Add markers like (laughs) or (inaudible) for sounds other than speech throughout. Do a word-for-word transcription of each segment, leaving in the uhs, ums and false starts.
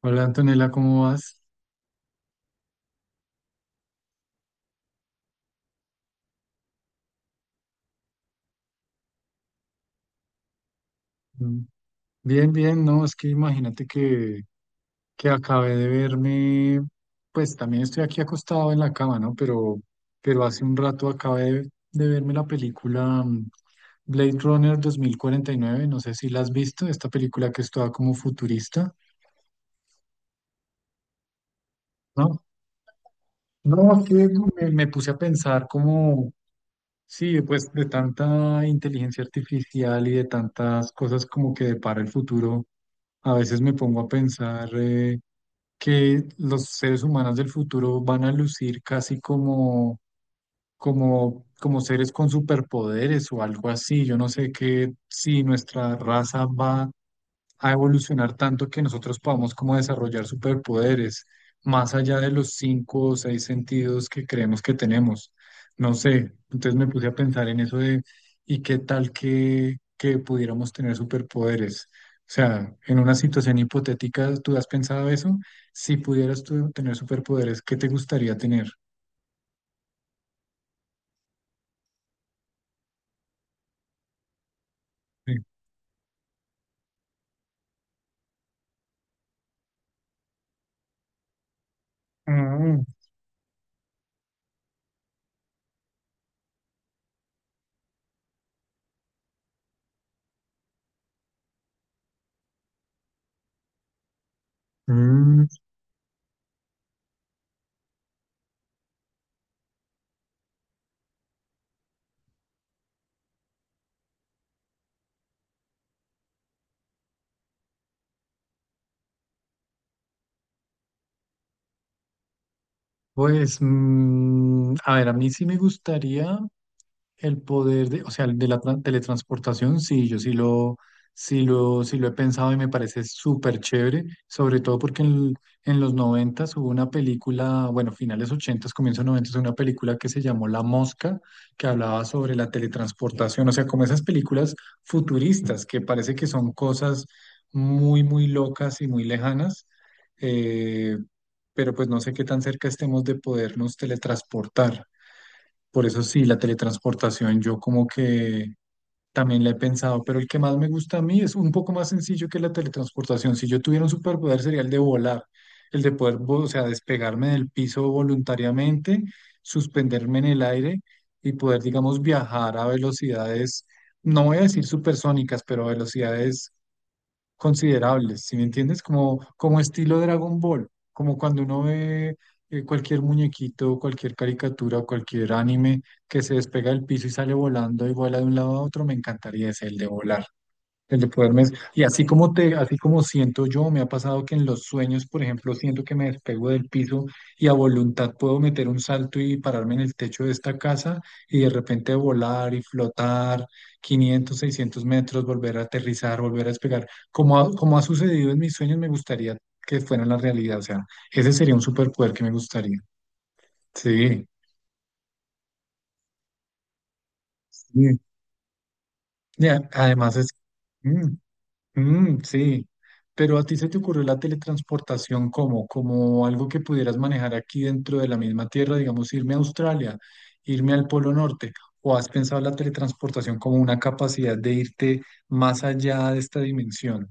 Hola Antonella, ¿cómo vas? Mm, Bien, bien, no, es que imagínate que, que acabé de verme, pues también estoy aquí acostado en la cama, ¿no? Pero, pero hace un rato acabé de, de verme la película mm, Blade Runner dos mil cuarenta y nueve. No sé si la has visto, esta película que es toda como futurista, ¿no? No, es que me, me puse a pensar como, sí, pues de tanta inteligencia artificial y de tantas cosas como que depara el futuro. A veces me pongo a pensar eh, que los seres humanos del futuro van a lucir casi como, como, como seres con superpoderes o algo así. Yo no sé que si nuestra raza va a evolucionar tanto que nosotros podamos como desarrollar superpoderes, más allá de los cinco o seis sentidos que creemos que tenemos. No sé, entonces me puse a pensar en eso de, ¿y qué tal que, que pudiéramos tener superpoderes? O sea, en una situación hipotética, ¿tú has pensado eso? Si pudieras tú tener superpoderes, ¿qué te gustaría tener? Sí. Mm, mm, pues, mm, a ver, a mí sí me gustaría el poder de, o sea, el de la tran- teletransportación, sí, yo sí lo, sí lo, sí lo he pensado y me parece súper chévere, sobre todo porque en, en los noventas hubo una película, bueno, finales ochentas, comienzos noventas, una película que se llamó La Mosca, que hablaba sobre la teletransportación, o sea, como esas películas futuristas que parece que son cosas muy, muy locas y muy lejanas, eh, pero pues no sé qué tan cerca estemos de podernos teletransportar. Por eso sí, la teletransportación yo como que también la he pensado, pero el que más me gusta a mí es un poco más sencillo que la teletransportación. Si yo tuviera un superpoder sería el de volar, el de poder, vo- o sea, despegarme del piso voluntariamente, suspenderme en el aire y poder, digamos, viajar a velocidades, no voy a decir supersónicas, pero a velocidades considerables, ¿si me entiendes? Como, como estilo Dragon Ball, como cuando uno ve eh, cualquier muñequito, cualquier caricatura, cualquier anime que se despega del piso y sale volando y vuela de un lado a otro, me encantaría ese, el de volar. El de poderme, y así como te, así como siento yo, me ha pasado que en los sueños, por ejemplo, siento que me despego del piso y a voluntad puedo meter un salto y pararme en el techo de esta casa y de repente volar y flotar quinientos seiscientos metros, volver a aterrizar, volver a despegar. Como ha, como ha sucedido en mis sueños, me gustaría que fuera la realidad. O sea, ese sería un superpoder que me gustaría. Sí. Sí. Y además es... mm. Mm, sí, pero a ti se te ocurrió la teletransportación como, como algo que pudieras manejar aquí dentro de la misma tierra, digamos, irme a Australia, irme al Polo Norte, o has pensado la teletransportación como una capacidad de irte más allá de esta dimensión.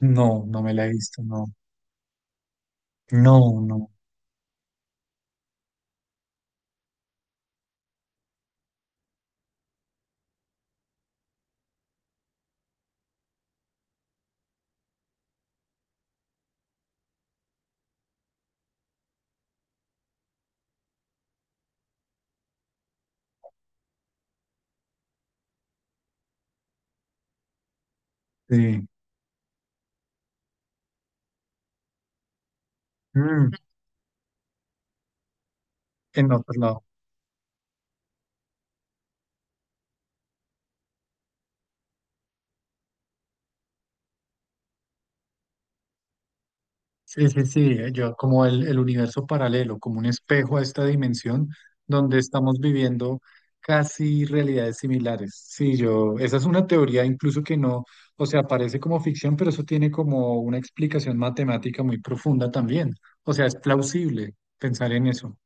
No, no me la he visto, no, no, no, sí, Mm, en otro lado. Sí, sí, sí, eh, yo como el, el universo paralelo, como un espejo a esta dimensión donde estamos viviendo casi realidades similares. Sí, yo, esa es una teoría incluso que no, o sea, parece como ficción, pero eso tiene como una explicación matemática muy profunda también. O sea, es plausible pensar en eso.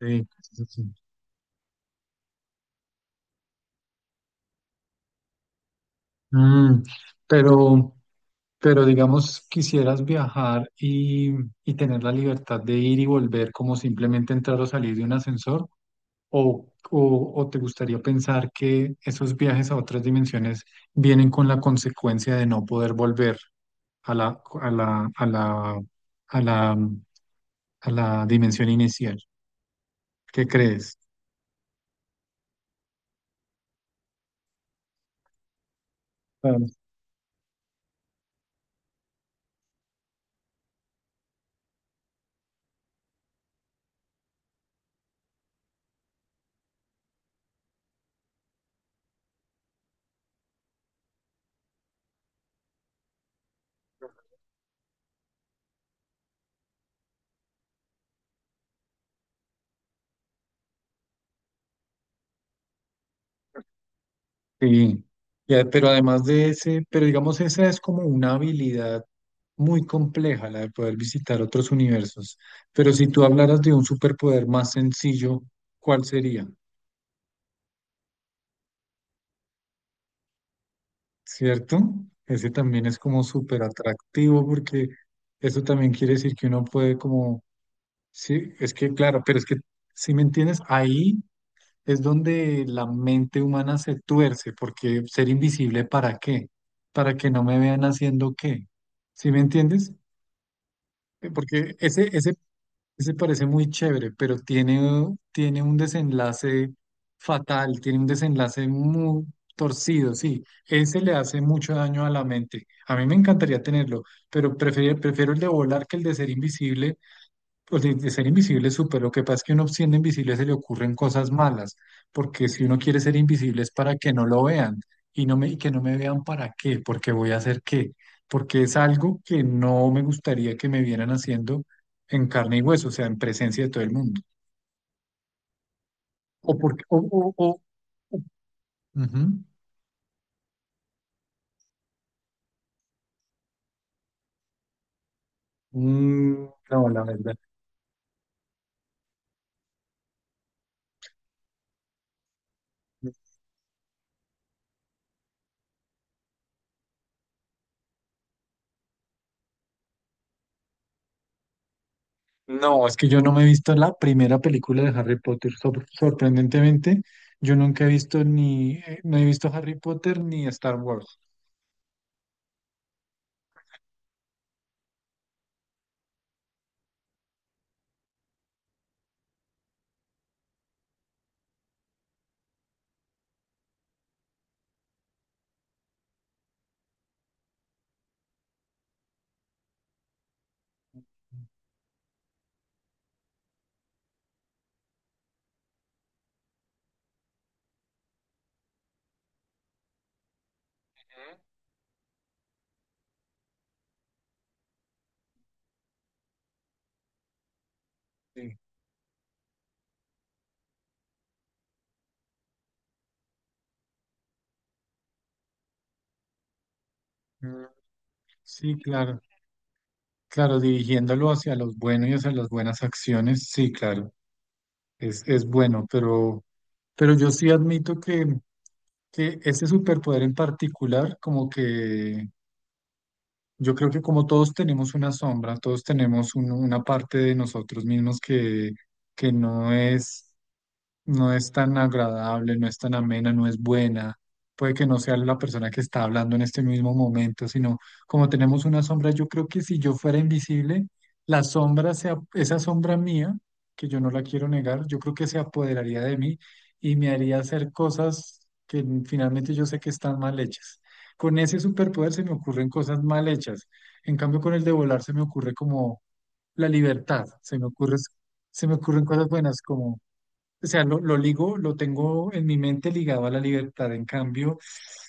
Sí, sí, sí, sí. Mm, pero, pero digamos, quisieras viajar y, y tener la libertad de ir y volver como simplemente entrar o salir de un ascensor. ¿O, o, o te gustaría pensar que esos viajes a otras dimensiones vienen con la consecuencia de no poder volver a la, a la, a la, a la, a la dimensión inicial? ¿Qué crees? Claro. Sí, ya, pero además de ese, pero digamos, esa es como una habilidad muy compleja, la de poder visitar otros universos. Pero si tú hablaras de un superpoder más sencillo, ¿cuál sería? ¿Cierto? Ese también es como súper atractivo porque eso también quiere decir que uno puede como, sí, es que claro, pero es que, si me entiendes, ahí es donde la mente humana se tuerce, porque ser invisible, ¿para qué? Para que no me vean haciendo qué, ¿sí me entiendes? Eh, Porque ese, ese ese parece muy chévere, pero tiene, tiene un desenlace fatal, tiene un desenlace muy torcido, sí. Ese le hace mucho daño a la mente. A mí me encantaría tenerlo, pero prefiero, prefiero el de volar que el de ser invisible pues de, de ser invisible es súper. Lo que pasa es que uno siendo invisible se le ocurren cosas malas, porque si uno quiere ser invisible es para que no lo vean y no me, y que no me vean para qué, porque voy a hacer qué, porque es algo que no me gustaría que me vieran haciendo en carne y hueso, o sea, en presencia de todo el mundo. O porque, o, o, o- o- ujú. Mm, no, la verdad. No, es que yo no me he visto la primera película de Harry Potter. Sor- sorprendentemente, yo nunca he visto ni, eh, no he visto Harry Potter ni Star Wars. Sí, Mm, sí, claro, claro, dirigiéndolo hacia los buenos y hacia las buenas acciones, sí, claro, es, es bueno, pero, pero yo sí admito que, que ese superpoder en particular, como que yo creo que como todos tenemos una sombra, todos tenemos un- una parte de nosotros mismos que, que no es no es tan agradable, no es tan amena, no es buena. Puede que no sea la persona que está hablando en este mismo momento, sino como tenemos una sombra, yo creo que si yo fuera invisible, la sombra, se, ap- esa sombra mía, que yo no la quiero negar, yo creo que se apoderaría de mí y me haría hacer cosas que finalmente yo sé que están mal hechas. Con ese superpoder se me ocurren cosas mal hechas. En cambio, con el de volar se me ocurre como la libertad, se me ocurre, se me ocurren cosas buenas como o sea, lo, lo ligo, lo tengo en mi mente ligado a la libertad. En cambio,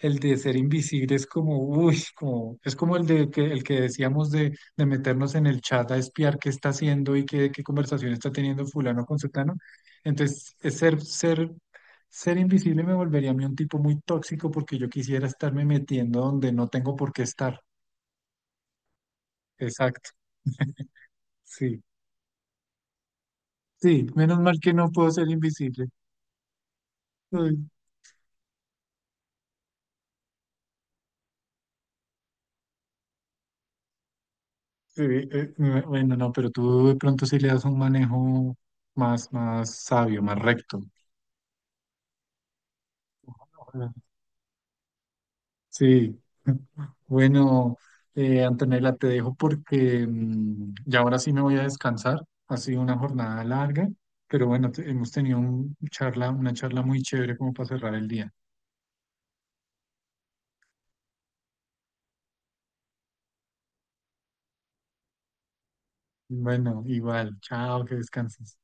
el de ser invisible es como, uy, como, es como el de que, el que decíamos de, de meternos en el chat a espiar qué está haciendo y qué, qué conversación está teniendo fulano con sutano. Entonces, es ser, ser, ser invisible me volvería a mí un tipo muy tóxico porque yo quisiera estarme metiendo donde no tengo por qué estar. Exacto. (laughs) Sí. Sí, menos mal que no puedo ser invisible. Ay, eh, eh, eh, bueno, no, pero tú de pronto sí le das un manejo más, más sabio, más recto. Ah. Sí. (laughs) Bueno, eh, Antonella, te dejo porque mm, ya ahora sí me voy a descansar. Ha sido una jornada larga, pero bueno, te- hemos tenido un charla, una charla muy chévere como para cerrar el día. Bueno, igual, chao, que descanses.